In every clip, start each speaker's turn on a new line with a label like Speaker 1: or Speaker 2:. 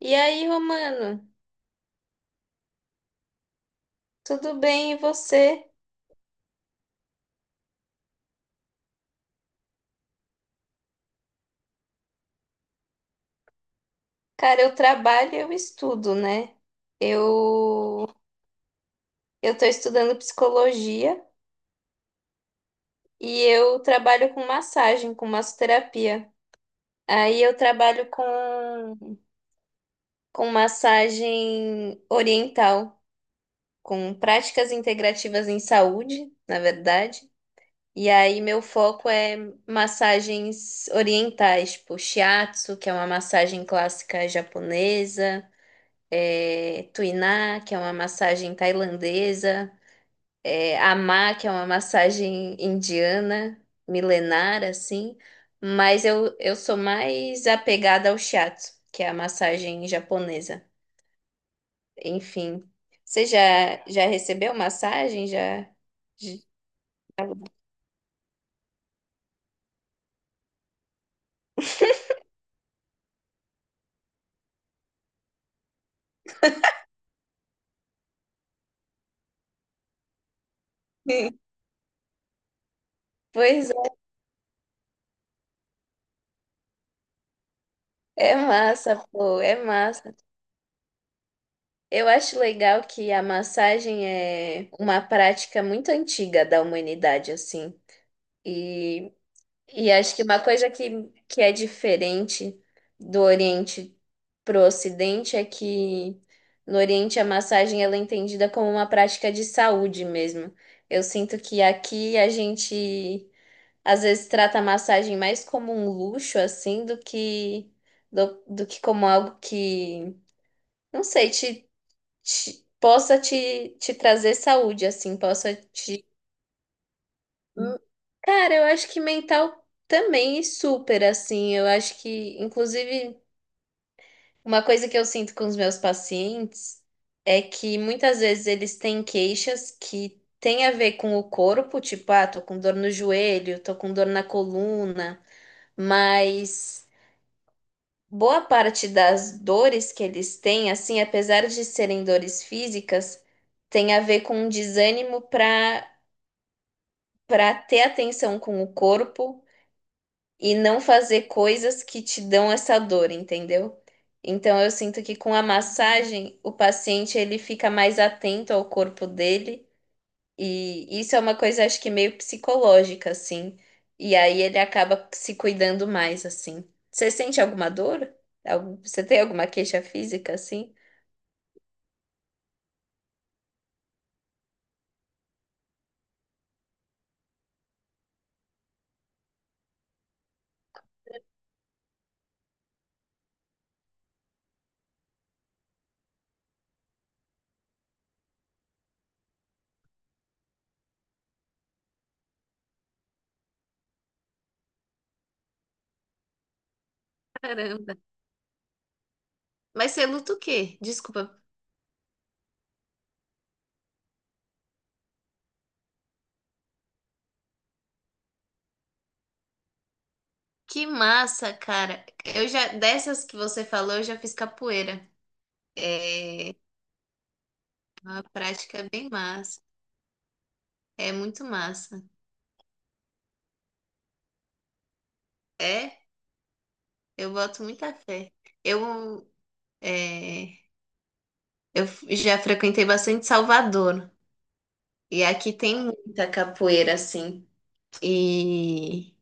Speaker 1: E aí, Romano? Tudo bem, e você? Cara, eu trabalho e eu estudo, né? Eu eu tô estudando psicologia e eu trabalho com massagem, com massoterapia. Aí eu trabalho com massagem oriental, com práticas integrativas em saúde, na verdade. E aí meu foco é massagens orientais, tipo shiatsu, que é uma massagem clássica japonesa. Tuiná, que é uma massagem tailandesa, Amá, que é uma massagem indiana, milenar, assim. Mas eu sou mais apegada ao shiatsu, que é a massagem japonesa. Enfim, você já recebeu massagem? Já? Pois é, é massa, pô, é massa. Eu acho legal que a massagem é uma prática muito antiga da humanidade, assim. E e acho que uma coisa que é diferente do Oriente para o Ocidente é que no Oriente a massagem ela é entendida como uma prática de saúde mesmo. Eu sinto que aqui a gente às vezes trata a massagem mais como um luxo assim do que do que como algo que, não sei, possa te trazer saúde assim, possa te... Hum, cara, eu acho que mental também, super assim. Eu acho que, inclusive, uma coisa que eu sinto com os meus pacientes é que muitas vezes eles têm queixas que têm a ver com o corpo, tipo, ah, tô com dor no joelho, tô com dor na coluna, mas boa parte das dores que eles têm, assim, apesar de serem dores físicas, tem a ver com um desânimo para ter atenção com o corpo e não fazer coisas que te dão essa dor, entendeu? Então eu sinto que com a massagem o paciente ele fica mais atento ao corpo dele e isso é uma coisa acho que meio psicológica assim. E aí ele acaba se cuidando mais assim. Você sente alguma dor? Algum- Você tem alguma queixa física assim? Caramba. Mas você luta o quê? Desculpa. Que massa, cara. Eu já, dessas que você falou, eu já fiz capoeira. É uma prática bem massa. É muito massa. É, eu boto muita fé. Eu, é, eu já frequentei bastante Salvador. E aqui tem muita capoeira, assim. E,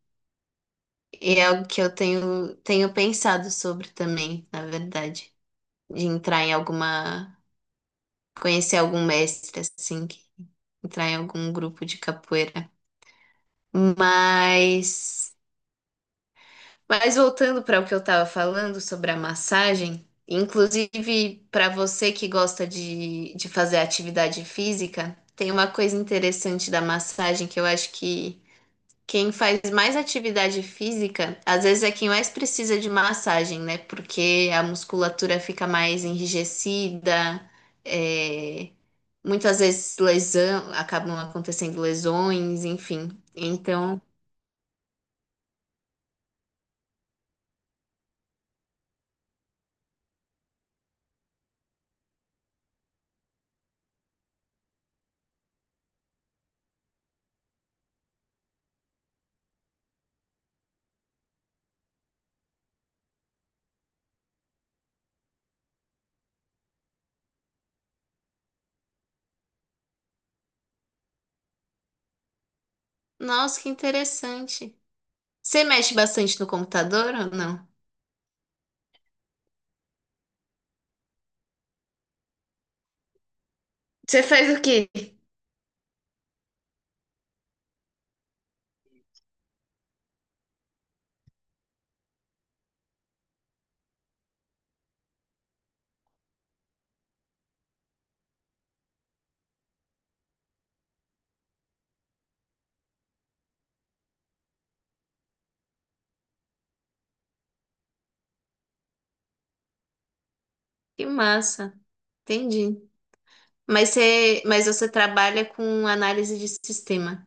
Speaker 1: e é algo que eu tenho pensado sobre também, na verdade. De entrar em alguma. Conhecer algum mestre, assim. Que- Entrar em algum grupo de capoeira. Mas. Mas voltando para o que eu estava falando sobre a massagem, inclusive para você que gosta de fazer atividade física, tem uma coisa interessante da massagem que eu acho que quem faz mais atividade física, às vezes é quem mais precisa de massagem, né? Porque a musculatura fica mais enrijecida, é, muitas vezes lesão, acabam acontecendo lesões, enfim. Então, nossa, que interessante. Você mexe bastante no computador ou não? Você faz o quê? Que massa, entendi. Mas você trabalha com análise de sistema.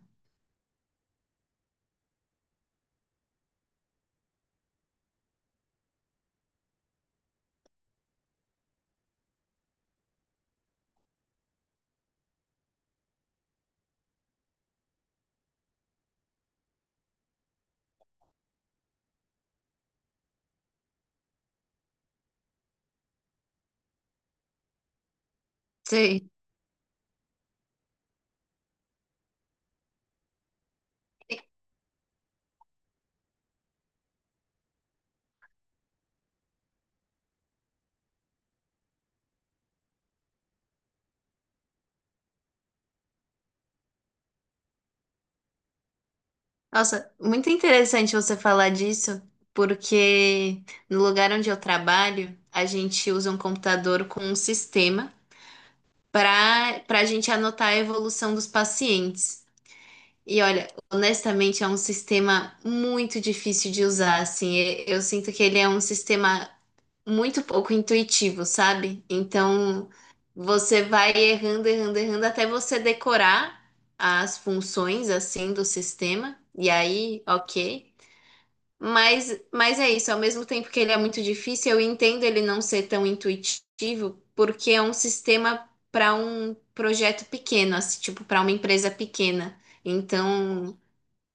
Speaker 1: Sei. Nossa, muito interessante você falar disso, porque no lugar onde eu trabalho, a gente usa um computador com um sistema para a gente anotar a evolução dos pacientes. E olha, honestamente, é um sistema muito difícil de usar, assim. E- Eu sinto que ele é um sistema muito pouco intuitivo, sabe? Então você vai errando, errando, errando até você decorar as funções assim do sistema. E aí, ok. Mas é isso, ao mesmo tempo que ele é muito difícil, eu entendo ele não ser tão intuitivo, porque é um sistema para um projeto pequeno, assim, tipo, para uma empresa pequena. Então,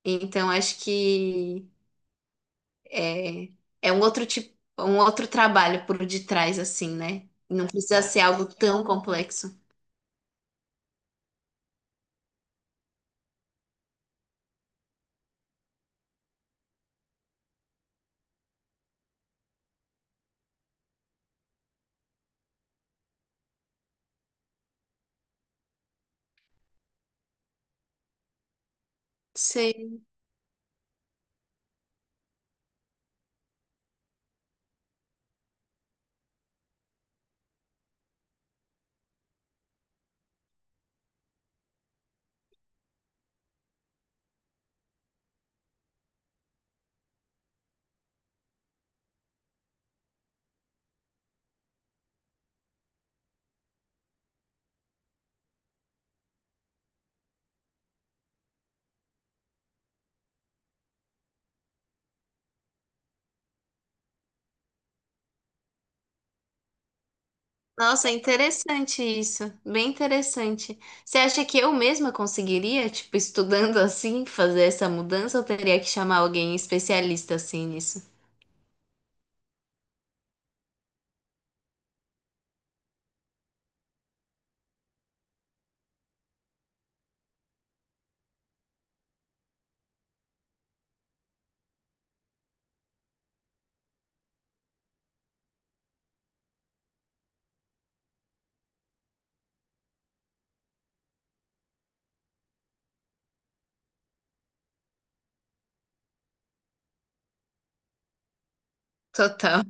Speaker 1: então acho que é, é um outro tipo, um outro trabalho por detrás, assim, né? Não precisa ser algo tão complexo. Sei. Nossa, é interessante isso. Bem interessante. Você acha que eu mesma conseguiria, tipo, estudando assim, fazer essa mudança ou teria que chamar alguém especialista assim nisso? Total.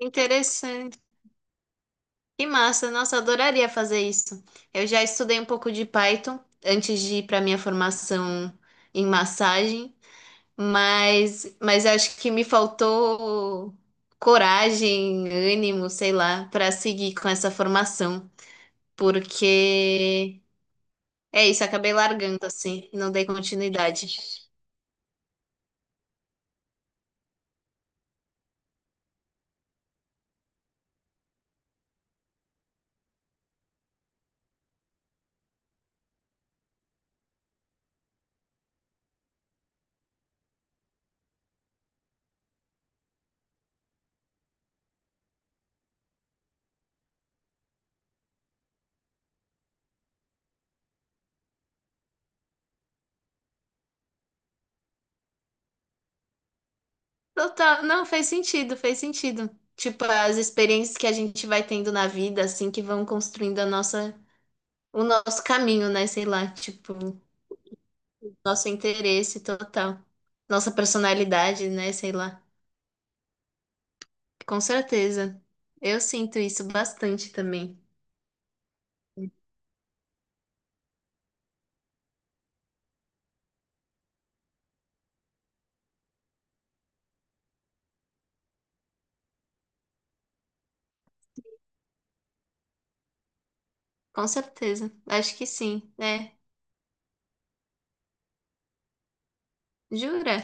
Speaker 1: Interessante. Que massa. Nossa, adoraria fazer isso. Eu já estudei um pouco de Python antes de ir para minha formação em massagem. Mas acho que me faltou coragem, ânimo, sei lá, para seguir com essa formação, porque é isso, acabei largando assim, não dei continuidade. Total, não fez sentido, fez sentido. Tipo, as experiências que a gente vai tendo na vida, assim, que vão construindo a nossa, o nosso caminho, né? Sei lá, tipo, nosso interesse total, nossa personalidade, né? Sei lá. Com certeza. Eu sinto isso bastante também. Com certeza. Acho que sim. É. Jura?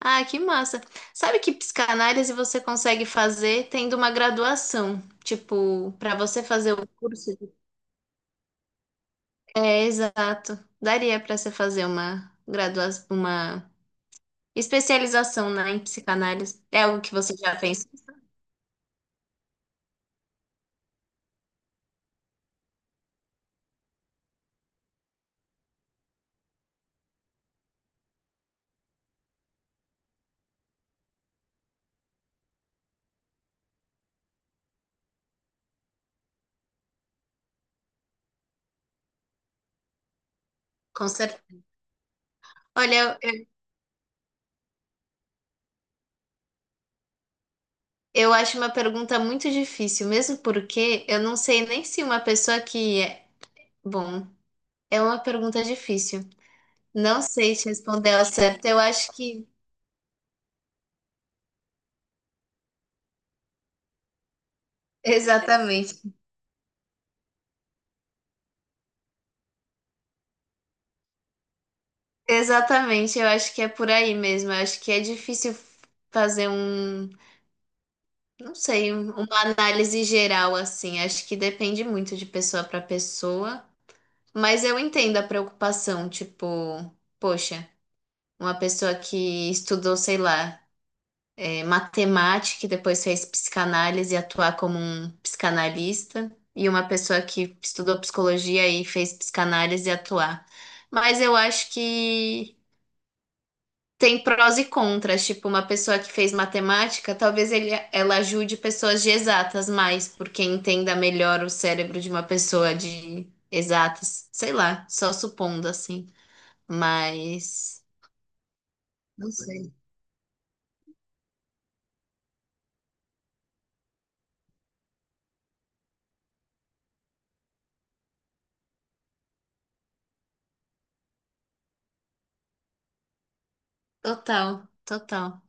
Speaker 1: Ah, que massa. Sabe que psicanálise você consegue fazer tendo uma graduação? Tipo, para você fazer o curso de... É, exato. Daria para você fazer uma graduação, uma especialização, né, em psicanálise. É algo que você já pensa? Com certeza. Olha, eu acho uma pergunta muito difícil, mesmo porque eu não sei nem se uma pessoa que é. Bom, é uma pergunta difícil. Não sei te responder ao certo. Eu acho que. Exatamente. Exatamente. Eu acho que é por aí mesmo. Eu acho que é difícil fazer um. Não sei, um- uma análise geral assim. Acho que depende muito de pessoa para pessoa. Mas eu entendo a preocupação. Tipo, poxa, uma pessoa que estudou, sei lá. É, matemática, que depois fez psicanálise e atuar como um psicanalista, e uma pessoa que estudou psicologia e fez psicanálise e atuar. Mas eu acho que tem prós e contras, tipo, uma pessoa que fez matemática, talvez ele, ela ajude pessoas de exatas mais, porque entenda melhor o cérebro de uma pessoa de exatas, sei lá, só supondo assim, mas não sei. Total, total,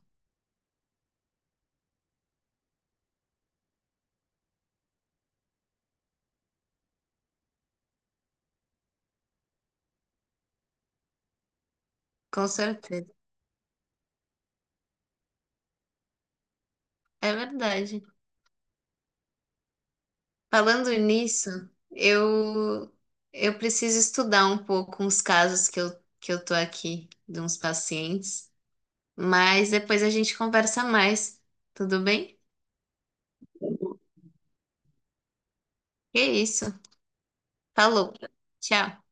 Speaker 1: com certeza. É verdade. Falando nisso, eu eu preciso estudar um pouco uns casos que eu tô aqui de uns pacientes, mas depois a gente conversa mais. Tudo bem? Que isso. Falou. Tchau.